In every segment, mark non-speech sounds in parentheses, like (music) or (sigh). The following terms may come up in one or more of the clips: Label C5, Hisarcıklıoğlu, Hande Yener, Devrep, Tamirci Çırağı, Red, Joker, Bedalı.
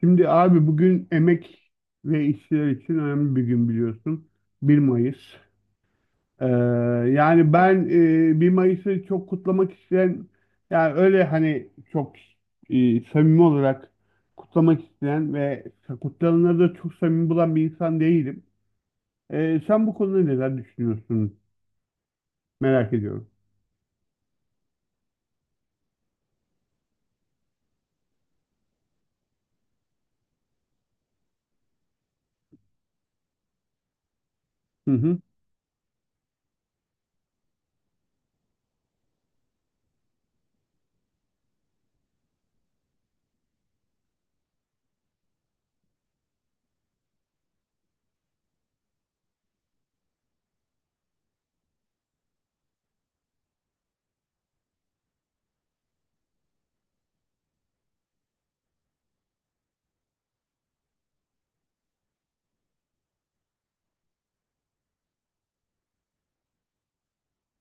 Şimdi abi bugün emek ve işçiler için önemli bir gün biliyorsun. 1 Mayıs. Ee, yani ben 1 Mayıs'ı çok kutlamak isteyen, yani öyle hani çok samimi olarak kutlamak isteyen ve kutlananları da çok samimi bulan bir insan değilim. Sen bu konuda neler düşünüyorsun? Merak ediyorum. Hı hı.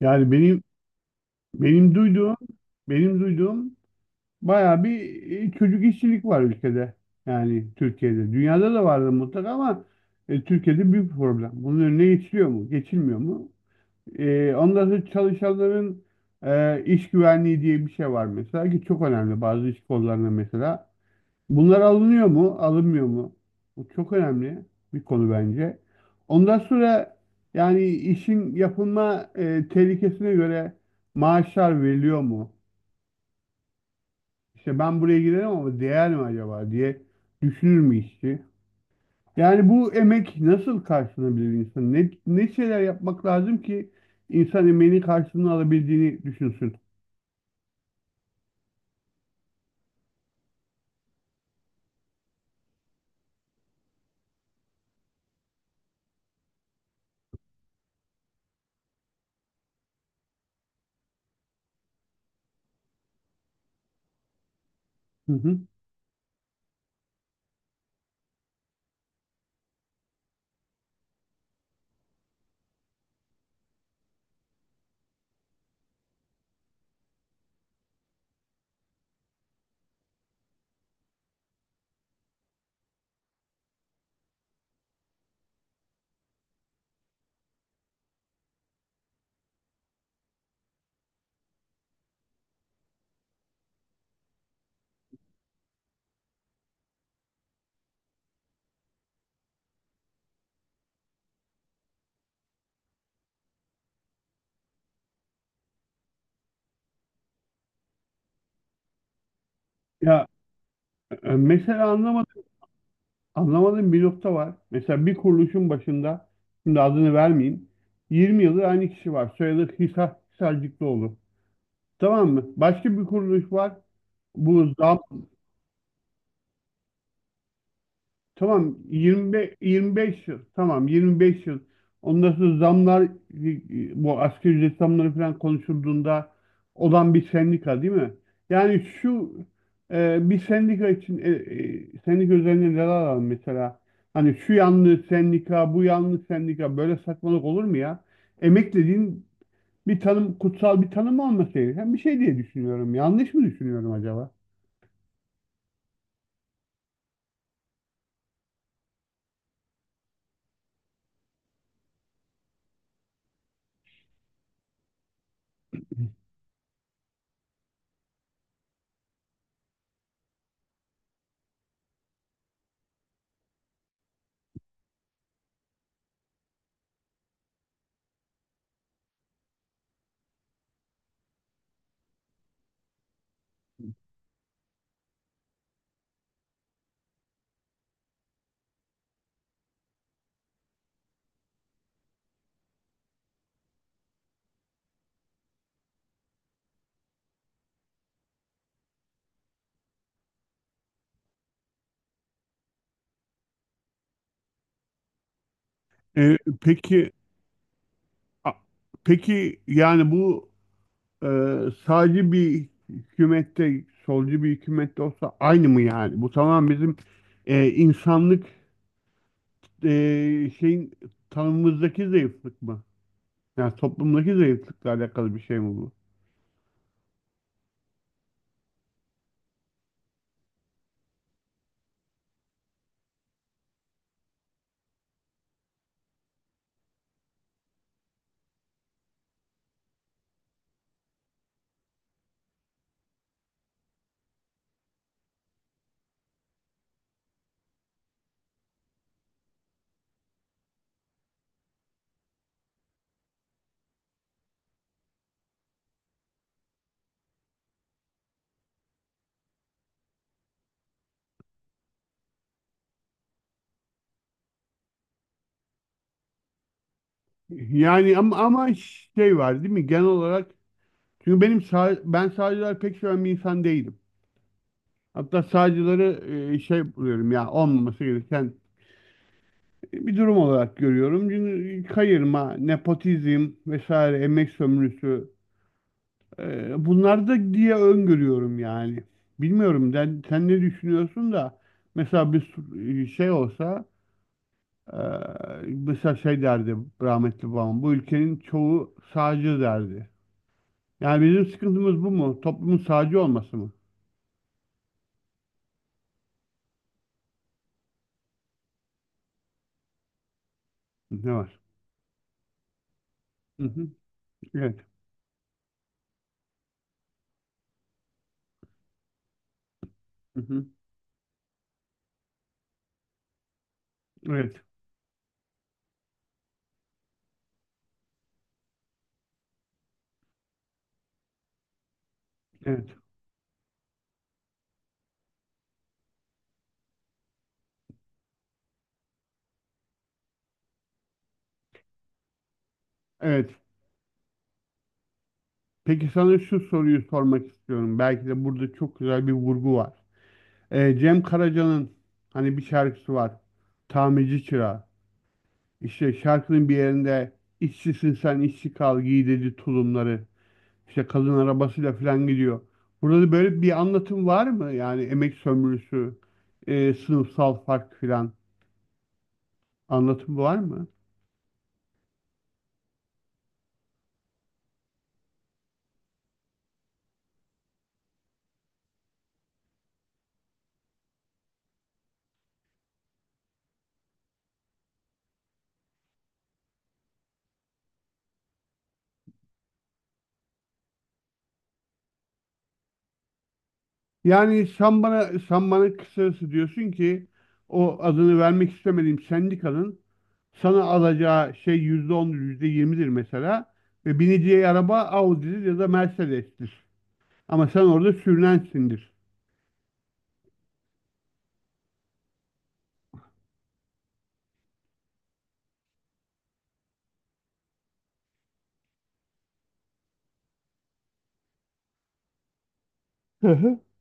Yani benim duyduğum bayağı bir çocuk işçilik var ülkede. Yani Türkiye'de. Dünyada da vardır mutlaka ama Türkiye'de büyük bir problem. Bunun önüne geçiliyor mu? Geçilmiyor mu? Ondan sonra çalışanların iş güvenliği diye bir şey var mesela ki çok önemli bazı iş kollarında mesela. Bunlar alınıyor mu? Alınmıyor mu? Bu çok önemli bir konu bence. Ondan sonra yani işin yapılma tehlikesine göre maaşlar veriliyor mu? İşte ben buraya girerim ama değer mi acaba diye düşünür mü işçi? Yani bu emek nasıl karşılanabilir insan? Ne, ne şeyler yapmak lazım ki insan emeğinin karşılığını alabildiğini düşünsün? Hı hı. Ya mesela anlamadım, anlamadığım bir nokta var. Mesela bir kuruluşun başında, şimdi adını vermeyeyim, 20 yıldır aynı kişi var. Soyadı Hisar, Hisarcıklıoğlu. Tamam mı? Başka bir kuruluş var. Bu zam, tamam 25 yıl. Tamam 25 yıl. Ondan sonra zamlar bu asgari ücret zamları falan konuşulduğunda olan bir sendika değil mi? Yani şu bir sendika için sendika üzerine neler alalım mesela? Hani şu yanlı sendika, bu yanlı sendika böyle saçmalık olur mu ya? Emek dediğin bir tanım, kutsal bir tanım olması gereken bir şey diye düşünüyorum. Yanlış mı düşünüyorum acaba? Peki a- peki yani bu Ee, sadece bir hükümette, solcu bir hükümette olsa aynı mı yani? Bu tamam bizim insanlık şeyin tanımımızdaki zayıflık mı? Yani toplumdaki zayıflıkla alakalı bir şey mi bu? Yani ama, şey var değil mi? Genel olarak çünkü benim sağ, ben sağcılar pek seven bir insan değilim. Hatta sağcıları şey buluyorum ya olmaması gereken bir durum olarak görüyorum. Çünkü kayırma, nepotizm vesaire, emek sömürüsü. Bunlar da diye öngörüyorum yani. Bilmiyorum sen, sen ne düşünüyorsun da mesela şey olsa e, mesela şey derdi rahmetli babam, bu ülkenin çoğu sağcı derdi. Yani bizim sıkıntımız bu mu? Toplumun sağcı olması mı? Ne var? Hı hı. Evet. Hı hı. Evet. Evet. Evet. Peki sana şu soruyu sormak istiyorum. Belki de burada çok güzel bir vurgu var. Cem Karaca'nın hani bir şarkısı var. Tamirci Çırağı. İşte şarkının bir yerinde işçisin sen işçi kal giy dedi tulumları. İşte kadın arabasıyla falan gidiyor. Burada da böyle bir anlatım var mı? Yani emek sömürüsü, sınıfsal fark filan anlatım var mı? Yani sen bana, sen bana kısacası diyorsun ki o adını vermek istemediğim sendikanın sana alacağı şey yüzde ondur, yüzde yirmidir mesela ve bineceği araba Audi'dir ya da Mercedes'tir. Ama sen orada sürünensindir. (laughs)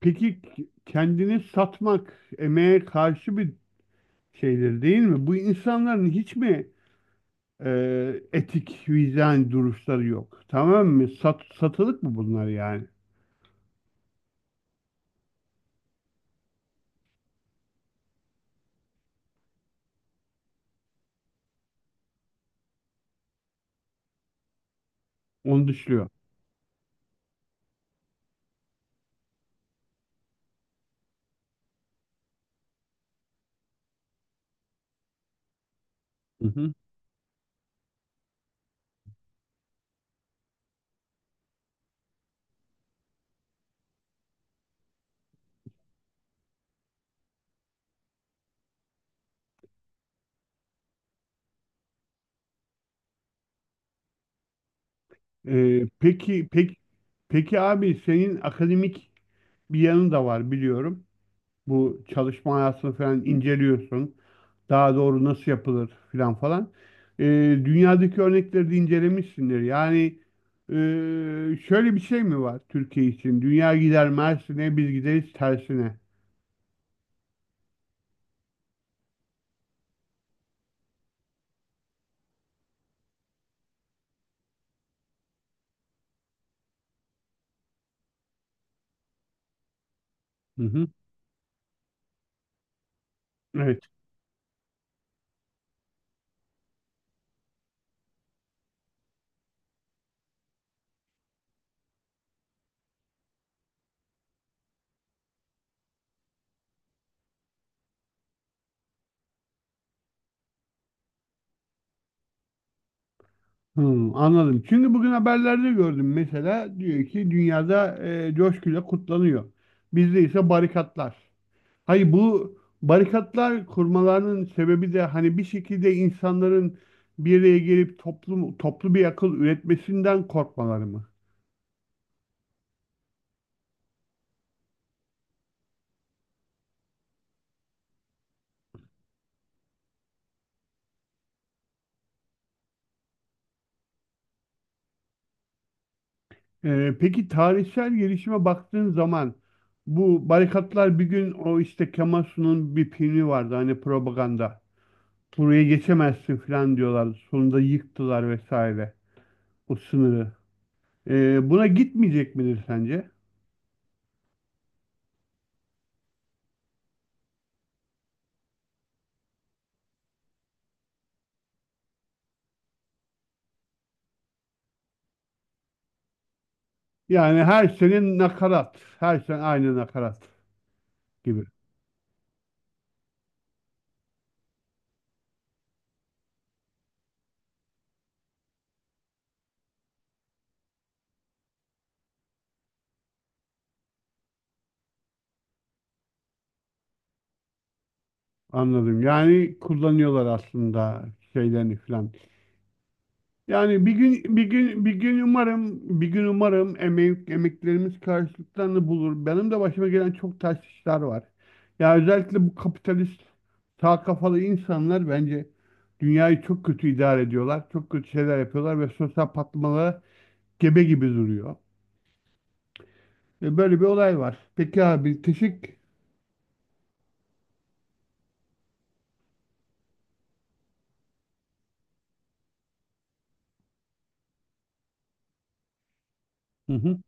Peki kendini satmak emeğe karşı bir şeydir değil mi? Bu insanların hiç mi e, etik, vicdan duruşları yok? Tamam mı? Sat, satılık mı bunlar yani? Onu düşünüyor. Hı hı. E, peki, peki, peki abi senin akademik bir yanın da var biliyorum. Bu çalışma hayatını falan inceliyorsun. Daha doğru nasıl yapılır filan falan. Ee, dünyadaki örnekleri de incelemişsindir. Yani şöyle bir şey mi var Türkiye için? Dünya gider Mersin'e, biz gideriz tersine. Hı hı. Evet. Hmm, anladım. Çünkü bugün haberlerde gördüm mesela, diyor ki dünyada coşkuyla kutlanıyor. Bizde ise barikatlar. Hayır, bu barikatlar kurmalarının sebebi de hani bir şekilde insanların bir araya gelip toplum, toplu bir akıl üretmesinden korkmaları mı? Peki tarihsel gelişime baktığın zaman bu barikatlar bir gün o işte Kemal Sunal'ın bir filmi vardı hani, propaganda. Buraya geçemezsin falan diyorlardı. Sonunda yıktılar vesaire o sınırı. Buna gitmeyecek midir sence? Yani her sene nakarat. Her sene aynı nakarat gibi. Anladım. Yani kullanıyorlar aslında şeylerini falan. Yani bir gün umarım, emek, emeklerimiz karşılıklarını bulur. Benim de başıma gelen çok ters işler var. Ya özellikle bu kapitalist sağ kafalı insanlar bence dünyayı çok kötü idare ediyorlar. Çok kötü şeyler yapıyorlar ve sosyal patlamalara gebe gibi duruyor. Ve böyle bir olay var. Peki abi, teşekkür. Hı hı.